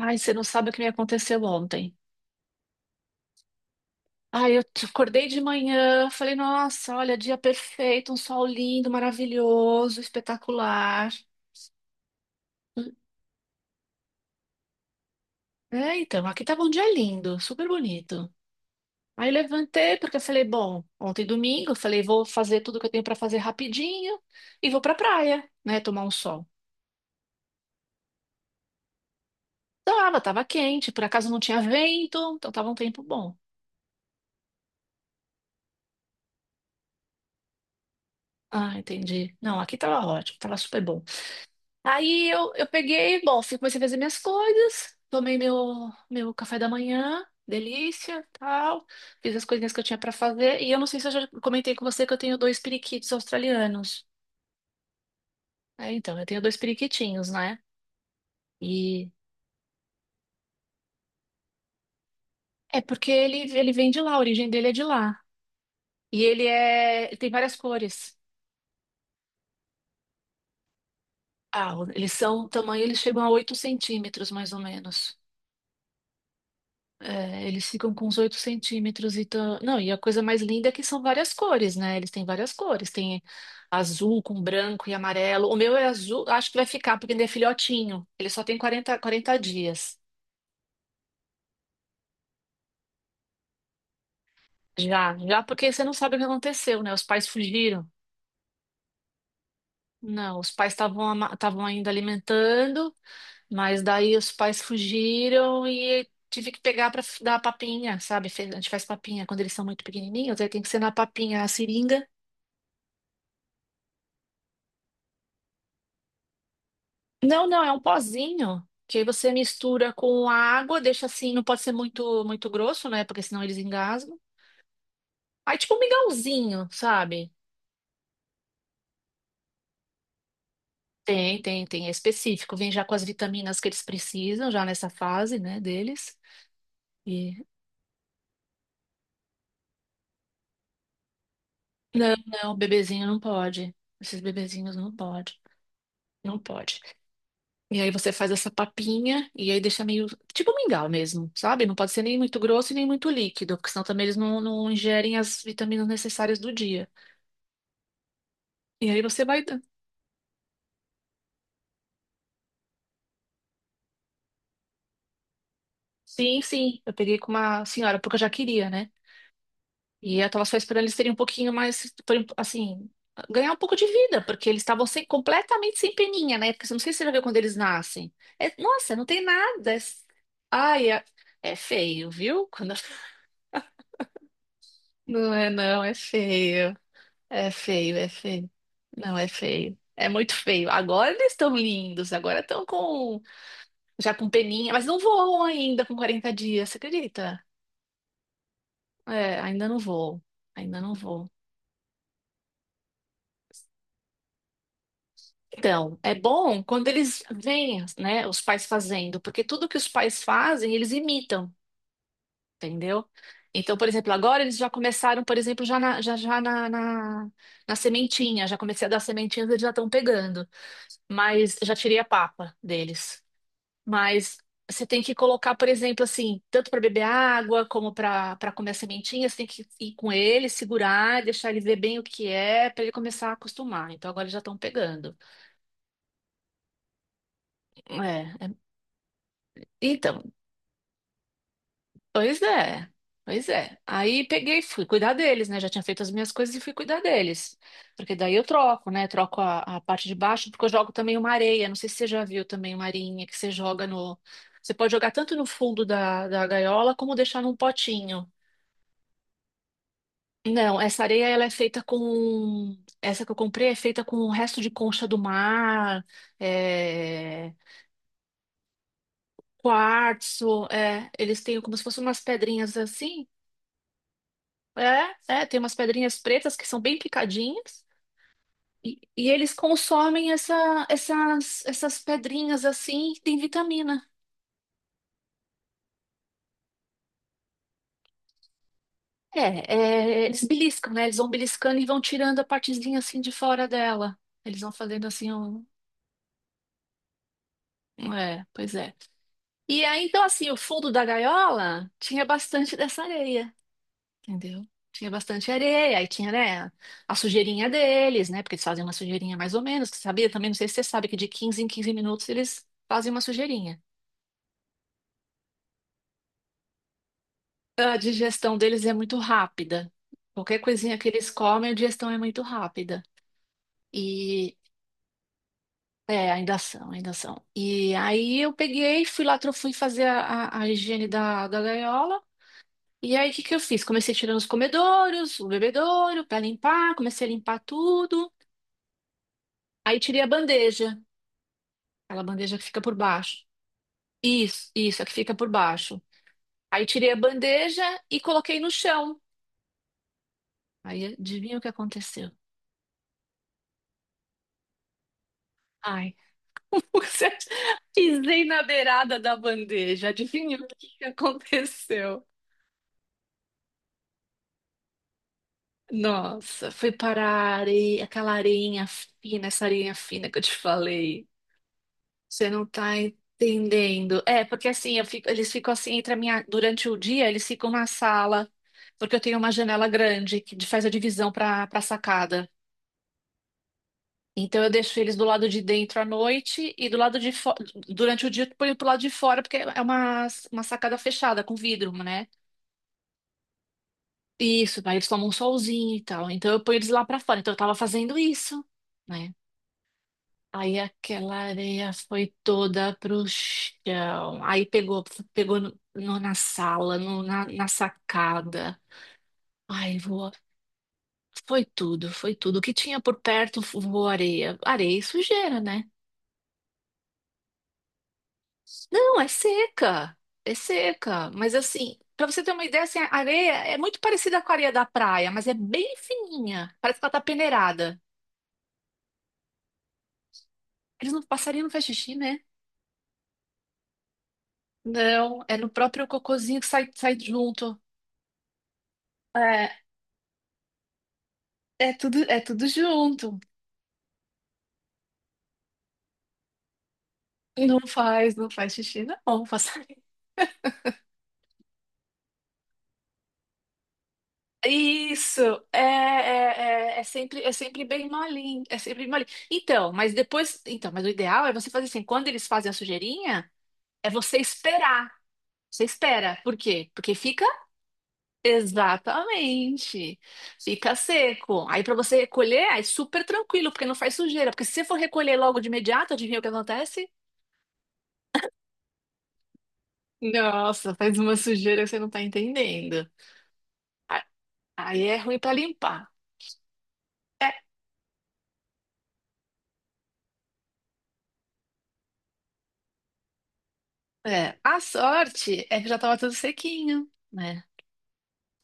Ai, você não sabe o que me aconteceu ontem. Ai, acordei de manhã, falei, nossa, olha, dia perfeito, um sol lindo, maravilhoso, espetacular. É, então, aqui tava um dia lindo, super bonito. Aí levantei porque eu falei, bom, ontem domingo, eu falei, vou fazer tudo que eu tenho pra fazer rapidinho e vou pra praia, né, tomar um sol. Tava quente, por acaso não tinha vento, então tava um tempo bom. Ah, entendi. Não, aqui tava ótimo, tava super bom. Aí eu peguei, bom, comecei a fazer minhas coisas, tomei meu café da manhã, delícia, tal, fiz as coisinhas que eu tinha pra fazer, e eu não sei se eu já comentei com você que eu tenho dois periquitos australianos. É, então, eu tenho dois periquitinhos, né? E é porque ele vem de lá, a origem dele é de lá. E ele é, ele tem várias cores. Ah, eles são, o tamanho, eles chegam a 8 centímetros, mais ou menos. É, eles ficam com uns 8 centímetros e tão... Não, e a coisa mais linda é que são várias cores, né? Eles têm várias cores. Tem azul com branco e amarelo. O meu é azul, acho que vai ficar, porque ele é filhotinho. Ele só tem quarenta dias. Já, já porque você não sabe o que aconteceu, né? Os pais fugiram. Não, os pais estavam ainda alimentando, mas daí os pais fugiram e tive que pegar para dar papinha, sabe? A gente faz papinha quando eles são muito pequenininhos, aí tem que ser na papinha, a seringa. Não, não, é um pozinho que aí você mistura com a água, deixa assim, não pode ser muito muito grosso, né? Porque senão eles engasgam. Aí tipo um mingauzinho, sabe? Tem, é específico. Vem já com as vitaminas que eles precisam, já nessa fase, né, deles. E não, não, o bebezinho não pode. Esses bebezinhos não pode. Não pode. E aí você faz essa papinha e aí deixa meio tipo mingau mesmo, sabe? Não pode ser nem muito grosso e nem muito líquido, porque senão também eles não ingerem as vitaminas necessárias do dia. E aí você vai. Sim, sim. Eu peguei com uma senhora, porque eu já queria, né? E eu tava só esperando eles terem um pouquinho mais, assim, ganhar um pouco de vida, porque eles estavam sem, completamente sem peninha, né? Porque eu não sei se você já viu quando eles nascem. Nossa, não tem nada. Ai, é, é feio, viu? Não é, não, é feio. É feio, é feio. Não, é feio. É muito feio. Agora eles estão lindos, agora estão com já com peninha, mas não voam ainda com 40 dias, você acredita? É, ainda não vou. Ainda não vou. Então, é bom quando eles veem, né, os pais fazendo, porque tudo que os pais fazem, eles imitam, entendeu? Então, por exemplo, agora eles já começaram, por exemplo, já na, já, já na, na, na sementinha, já comecei a dar sementinhas, eles já estão pegando. Mas já tirei a papa deles. Mas você tem que colocar, por exemplo, assim, tanto para beber água como para comer a sementinha, você tem que ir com ele, segurar, deixar ele ver bem o que é, para ele começar a acostumar. Então agora já estão pegando. É, é- então, pois é. Pois é. Aí peguei, e fui cuidar deles, né? Já tinha feito as minhas coisas e fui cuidar deles. Porque daí eu troco, né? Troco a parte de baixo, porque eu jogo também uma areia. Não sei se você já viu também uma areinha que você joga no. Você pode jogar tanto no fundo da gaiola como deixar num potinho. Não, essa areia ela é feita com. Essa que eu comprei é feita com o resto de concha do mar, é, quartzo. É, eles têm como se fossem umas pedrinhas assim. É, é, tem umas pedrinhas pretas que são bem picadinhas. E eles consomem essas pedrinhas assim, que tem vitamina. É, é, eles beliscam, né? Eles vão beliscando e vão tirando a partezinha assim de fora dela. Eles vão fazendo assim um. É, pois é. E aí, então, assim, o fundo da gaiola tinha bastante dessa areia, entendeu? Tinha bastante areia, aí tinha, né, a sujeirinha deles, né? Porque eles fazem uma sujeirinha mais ou menos, tu sabia? Também não sei se você sabe que de 15 em 15 minutos eles fazem uma sujeirinha. A digestão deles é muito rápida. Qualquer coisinha que eles comem, a digestão é muito rápida. E é, ainda são, ainda são. E aí eu peguei, fui lá, fui fazer a higiene da gaiola. E aí, o que que eu fiz? Comecei tirando os comedouros, o bebedouro, para limpar, comecei a limpar tudo. Aí tirei a bandeja, aquela bandeja que fica por baixo. Isso, a que fica por baixo. Aí tirei a bandeja e coloquei no chão. Aí adivinha o que aconteceu? Ai, você- acha- pisei na beirada da bandeja. Adivinha o que que aconteceu? Nossa, foi parar a areia, aquela areinha fina, essa areinha fina que eu te falei. Você não tá entendendo. É, porque assim, eles ficam assim entre a minha, durante o dia, eles ficam na sala, porque eu tenho uma janela grande que faz a divisão para sacada. Então eu deixo eles do lado de dentro à noite e do lado de fo... durante o dia eu ponho pro lado de fora, porque é uma sacada fechada com vidro, né? Isso, aí eles tomam um solzinho e tal. Então eu ponho eles lá para fora. Então eu tava fazendo isso, né? Aí aquela areia foi toda pro chão. Aí pegou, pegou na sala, na sacada. Ai, voou. Foi tudo, foi tudo. O que tinha por perto voou areia. Areia e sujeira, né? Não, é seca. É seca. Mas assim, pra você ter uma ideia, assim, a areia é muito parecida com a areia da praia, mas é bem fininha. Parece que ela tá peneirada. Eles não, passarinho não faz xixi, né? Não, é no próprio cocôzinho que sai, sai junto. é é tudo junto. Não faz, não faz xixi, não. Faz... Isso, é, é, é, é sempre bem malinho, é sempre bem malinho. Então, mas depois, então, mas o ideal é você fazer assim, quando eles fazem a sujeirinha, é você esperar. Você espera. Por quê? Porque fica exatamente, fica seco. Aí para você recolher, é super tranquilo, porque não faz sujeira. Porque se você for recolher logo de imediato, adivinha o que acontece? Nossa, faz uma sujeira que você não tá entendendo. Aí é ruim para limpar. É, é. A sorte é que já estava tudo sequinho, né?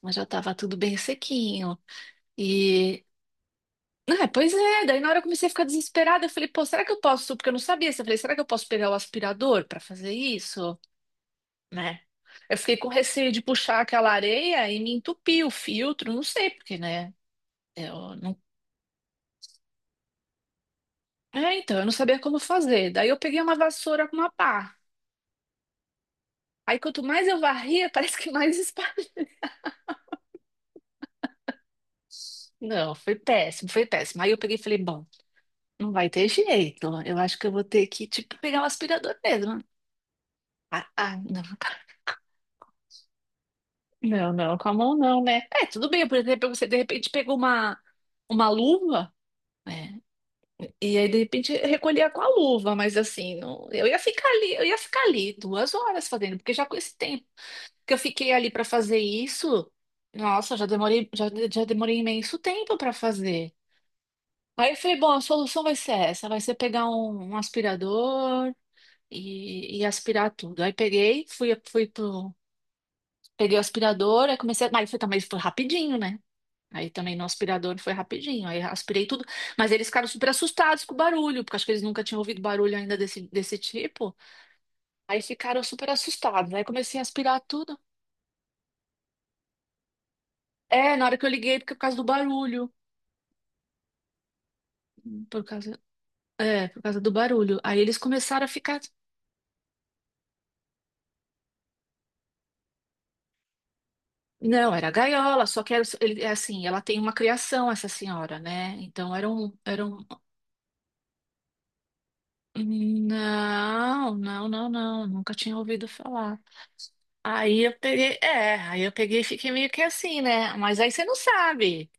Mas já estava tudo bem sequinho. E. Ah, pois é, daí na hora eu comecei a ficar desesperada. Eu falei, pô, será que eu posso? Porque eu não sabia. Eu falei, será que eu posso pegar o aspirador para fazer isso? Né? Eu fiquei com receio de puxar aquela areia e me entupir o filtro, não sei porque, né? Eu não... É, então, eu não sabia como fazer. Daí eu peguei uma vassoura com uma pá. Aí quanto mais eu varria, parece que mais não, foi péssimo, foi péssimo. Aí eu peguei e falei, bom, não vai ter jeito. Eu acho que eu vou ter que, tipo, pegar um aspirador mesmo. Não, tá. Não, não, com a mão não, né? É, tudo bem, por exemplo, você de repente pegou uma luva, né? E aí, de repente, recolhia com a luva, mas assim, não, eu ia ficar ali, eu ia ficar ali duas horas fazendo, porque já com esse tempo que eu fiquei ali para fazer isso, nossa, já demorei, já, já demorei imenso tempo para fazer. Aí eu falei, bom, a solução vai ser essa, vai ser pegar um, um aspirador e aspirar tudo. Aí peguei, fui pro, peguei o aspirador, aí comecei, mas foi também foi rapidinho, né? Aí também no aspirador foi rapidinho, aí aspirei tudo, mas eles ficaram super assustados com o barulho, porque acho que eles nunca tinham ouvido barulho ainda desse tipo. Aí ficaram super assustados, aí comecei a aspirar tudo. É, na hora que eu liguei, porque é por causa do barulho, por causa, é, por causa do barulho. Aí eles começaram a ficar não, era gaiola, só que era, ele, é assim, ela tem uma criação, essa senhora, né? Então era um... Não, não, não, não, nunca tinha ouvido falar. Aí eu peguei, é, aí eu peguei e fiquei meio que assim, né? Mas aí você não sabe.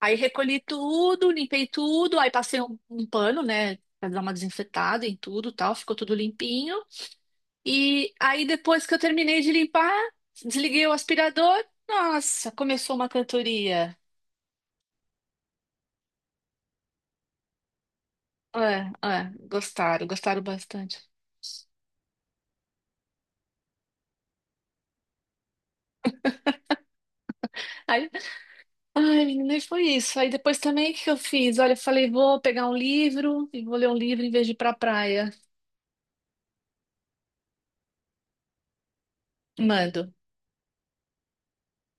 Aí recolhi tudo, limpei tudo, aí passei um, um pano, né? Pra dar uma desinfetada em tudo, e tal, ficou tudo limpinho. E aí depois que eu terminei de limpar, desliguei o aspirador, nossa, começou uma cantoria. É, é, gostaram, gostaram bastante. Aí, ai, menina, e foi isso. Aí depois também, o que que eu fiz? Olha, eu falei, vou pegar um livro e vou ler um livro em vez de ir pra praia. Mando.